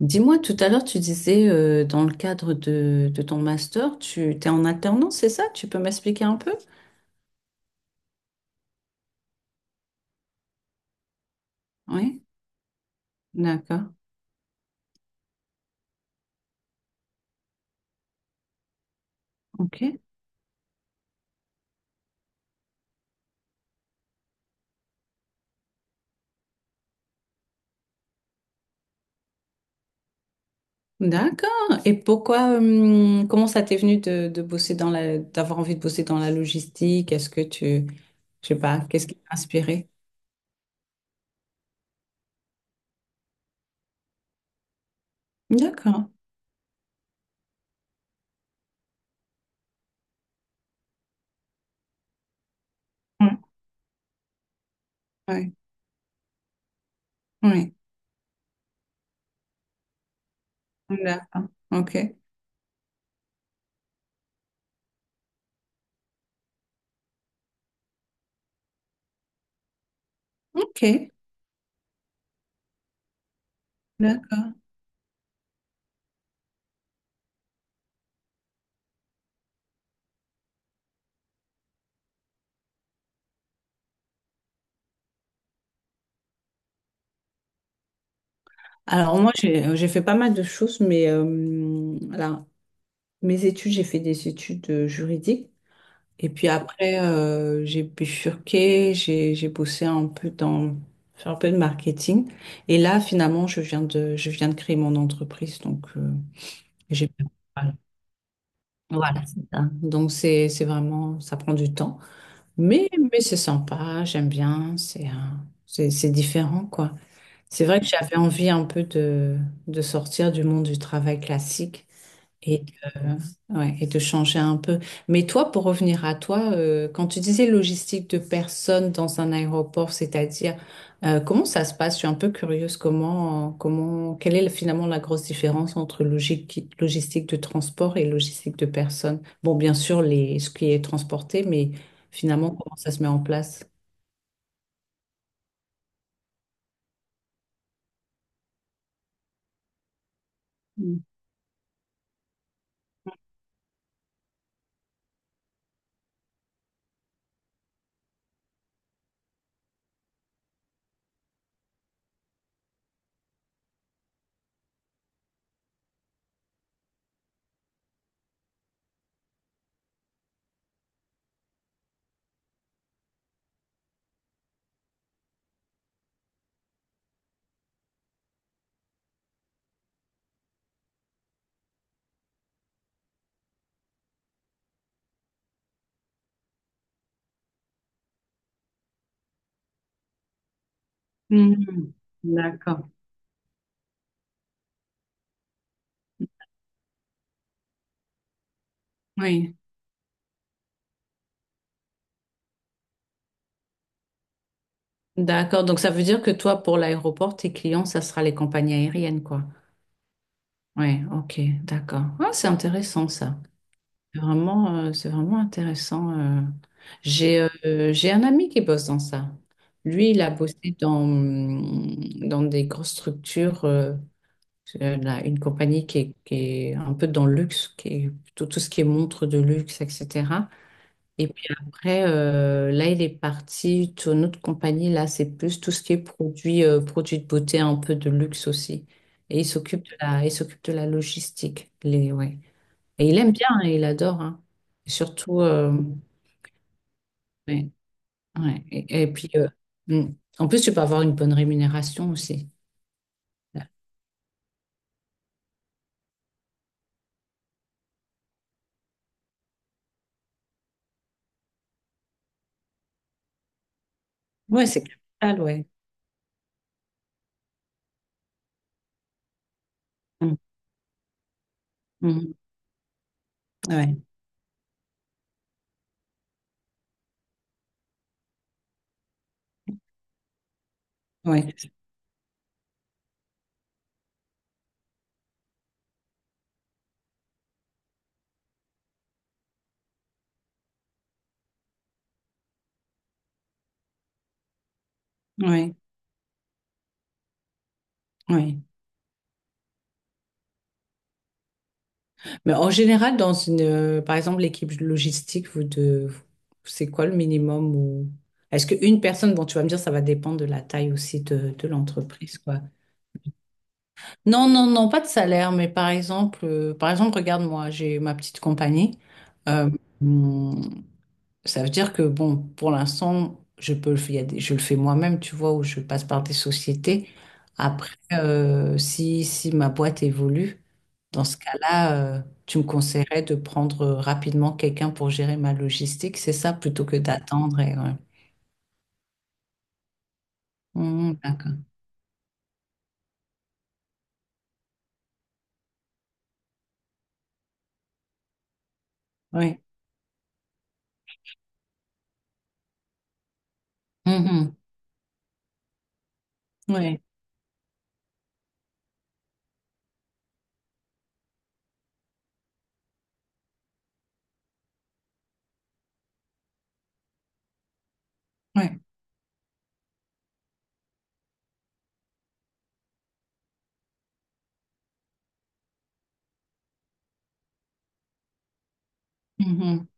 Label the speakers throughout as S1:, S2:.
S1: Dis-moi, tout à l'heure, tu disais, dans le cadre de ton master, tu t'es en alternance, c'est ça? Tu peux m'expliquer un peu? Oui, d'accord. Ok. D'accord. Et pourquoi, comment ça t'est venu de bosser dans la, d'avoir envie de bosser dans la logistique? Je sais pas, qu'est-ce qui t'a inspiré? D'accord. Oui, oui, oui. D'accord. Ok. Ok. D'accord. Alors moi, j'ai fait pas mal de choses, mais là, mes études, j'ai fait des études juridiques. Et puis après, j'ai bifurqué, j'ai bossé un peu dans faire un peu de marketing. Et là, finalement, je viens de créer mon entreprise, donc j'ai voilà. Voilà, c'est ça. Donc c'est vraiment ça prend du temps, mais c'est sympa, j'aime bien, c'est différent quoi. C'est vrai que j'avais envie un peu de sortir du monde du travail classique. Et, euh, ouais, et de changer un peu. Mais toi, pour revenir à toi, quand tu disais logistique de personnes dans un aéroport, c'est-à-dire comment ça se passe? Je suis un peu curieuse. Quelle est finalement la grosse différence entre logique, logistique de transport et logistique de personnes? Bon, bien sûr, les, ce qui est transporté, mais finalement, comment ça se met en place? Mm. Mhm. D'accord. Oui. D'accord. Donc, ça veut dire que toi, pour l'aéroport, tes clients, ça sera les compagnies aériennes, quoi. Ouais, OK, d'accord. Ah, c'est intéressant ça. C'est vraiment intéressant. J'ai j'ai un ami qui bosse dans ça. Lui, il a bossé dans, mm, dans des grosses structures, là, une compagnie qui est un peu dans le luxe, qui est tout, tout ce qui est montre de luxe, etc. Et puis après, là, il est parti sur notre compagnie. Là, c'est plus tout ce qui est produit, produit de beauté, un peu de luxe aussi. Et il s'occupe de la logistique. Les, ouais. Et il aime bien, hein, il adore, hein. Et surtout, ouais, ouais. Et, mm, en plus, tu peux avoir une bonne rémunération aussi. Ouais, c'est capital, ouais. Mm, mm, ouais, ouais, ouais, ouais. Mais en général, dans une, par exemple, l'équipe logistique, vous de, c'est quoi le minimum ou est-ce qu'une personne, bon, tu vas me dire, ça va dépendre de la taille aussi de l'entreprise, quoi. Non, non, non, pas de salaire, mais par exemple, regarde-moi, j'ai ma petite compagnie. Euh, mmh, Ça veut dire que, bon, pour l'instant, je peux le faire, il y a des- je le fais moi-même, tu vois, ou je passe par des sociétés. Après, si ma boîte évolue, dans ce cas-là, tu me conseillerais de prendre rapidement quelqu'un pour gérer ma logistique, c'est ça, plutôt que d'attendre et... ouais. Mhm, d'accord. Oui. Mhm. Oui. Oui. Mhm.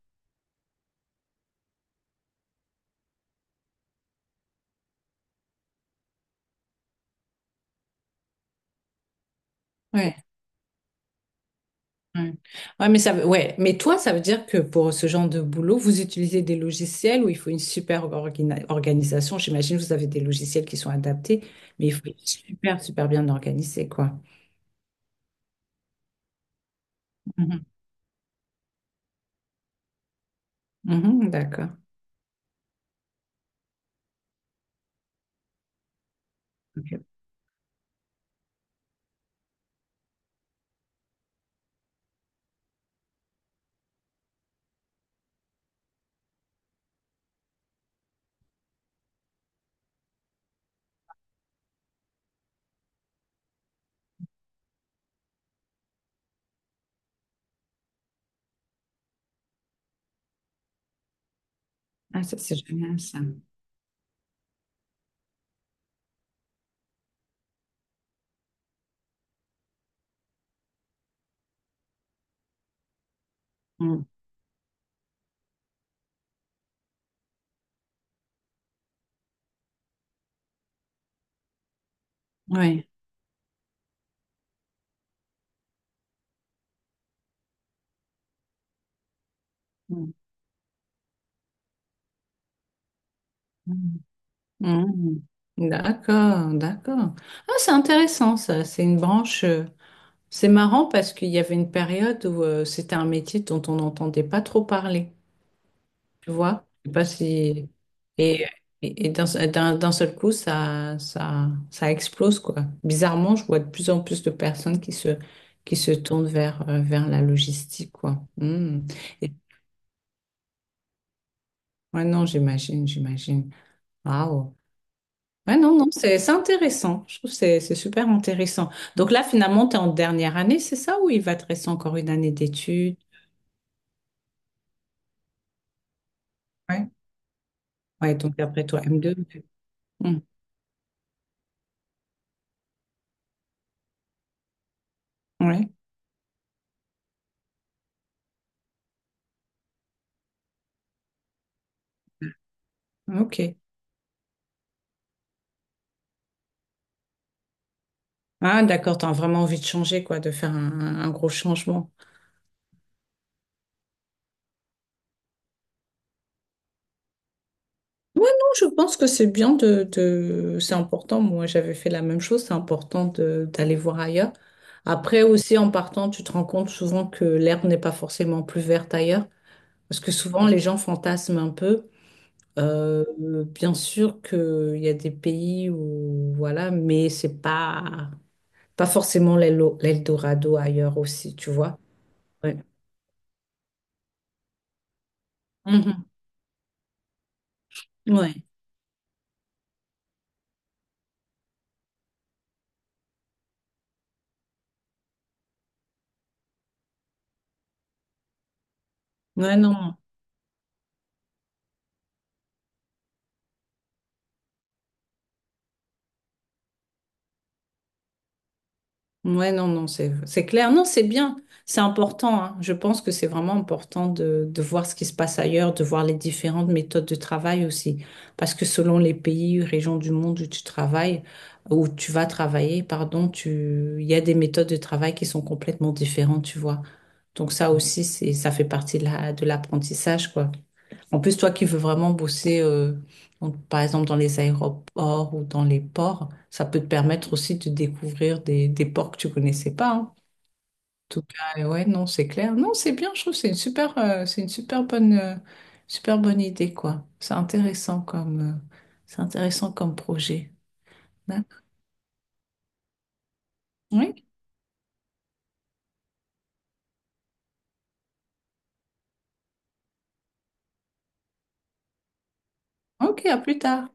S1: Oui. Ouais. Ouais. Mais toi, ça veut dire que pour ce genre de boulot, vous utilisez des logiciels où il faut une super organisation. J'imagine que vous avez des logiciels qui sont adaptés, mais il faut être super, super bien organisé, quoi. Mhm. Mhm, d'accord. Ok. Ah, ça, c'est génial, ça. Mm. Ouais. Mm. Mm. Mm. D'accord, d'accord. Ah, c'est intéressant, ça. C'est une branche. C'est marrant parce qu'il y avait une période où c'était un métier dont on n'entendait pas trop parler. Tu vois? Je sais pas si... Et, d'un d'un seul coup, ça explose, quoi. Bizarrement, je vois de plus en plus de personnes qui se tournent vers, vers la logistique, quoi. Hmm. Et, ouais, non, j'imagine, j'imagine. Waouh. Ouais, non, non, c'est intéressant. Je trouve que c'est super intéressant. Donc là, finalement, tu es en dernière année, c'est ça? Ou il va te rester encore une année d'études? Ouais. Ouais, donc après toi, M2. Hmm. Ouais, ok. Ah, d'accord, t'as vraiment envie de changer, quoi, de faire un gros changement. Non, je pense que c'est bien C'est important, moi j'avais fait la même chose, c'est important de, d'aller voir ailleurs. Après aussi, en partant, tu te rends compte souvent que l'herbe n'est pas forcément plus verte ailleurs, parce que souvent les gens fantasment un peu. Euh, bien sûr qu'il y a des pays où, voilà, mais c'est pas, pas forcément l'Eldorado ailleurs aussi, tu vois. Ouais. Mhm. Ouais. Ouais, non. Ouais, non, non, c'est clair. Non, c'est bien. C'est important, hein. Je pense que c'est vraiment important de voir ce qui se passe ailleurs, de voir les différentes méthodes de travail aussi. Parce que selon les pays, régions du monde où tu travailles, où tu vas travailler, pardon, tu, il y a des méthodes de travail qui sont complètement différentes, tu vois. Donc ça aussi, ça fait partie de l'apprentissage, quoi. En plus, toi qui veux vraiment bosser, donc, par exemple dans les aéroports ou dans les ports, ça peut te permettre aussi de découvrir des ports que tu connaissais pas, hein. En tout cas, ouais, non, c'est clair. Non, c'est bien, je trouve, que c'est une super bonne idée, quoi. C'est intéressant comme projet. D'accord. Oui, ok, à plus tard.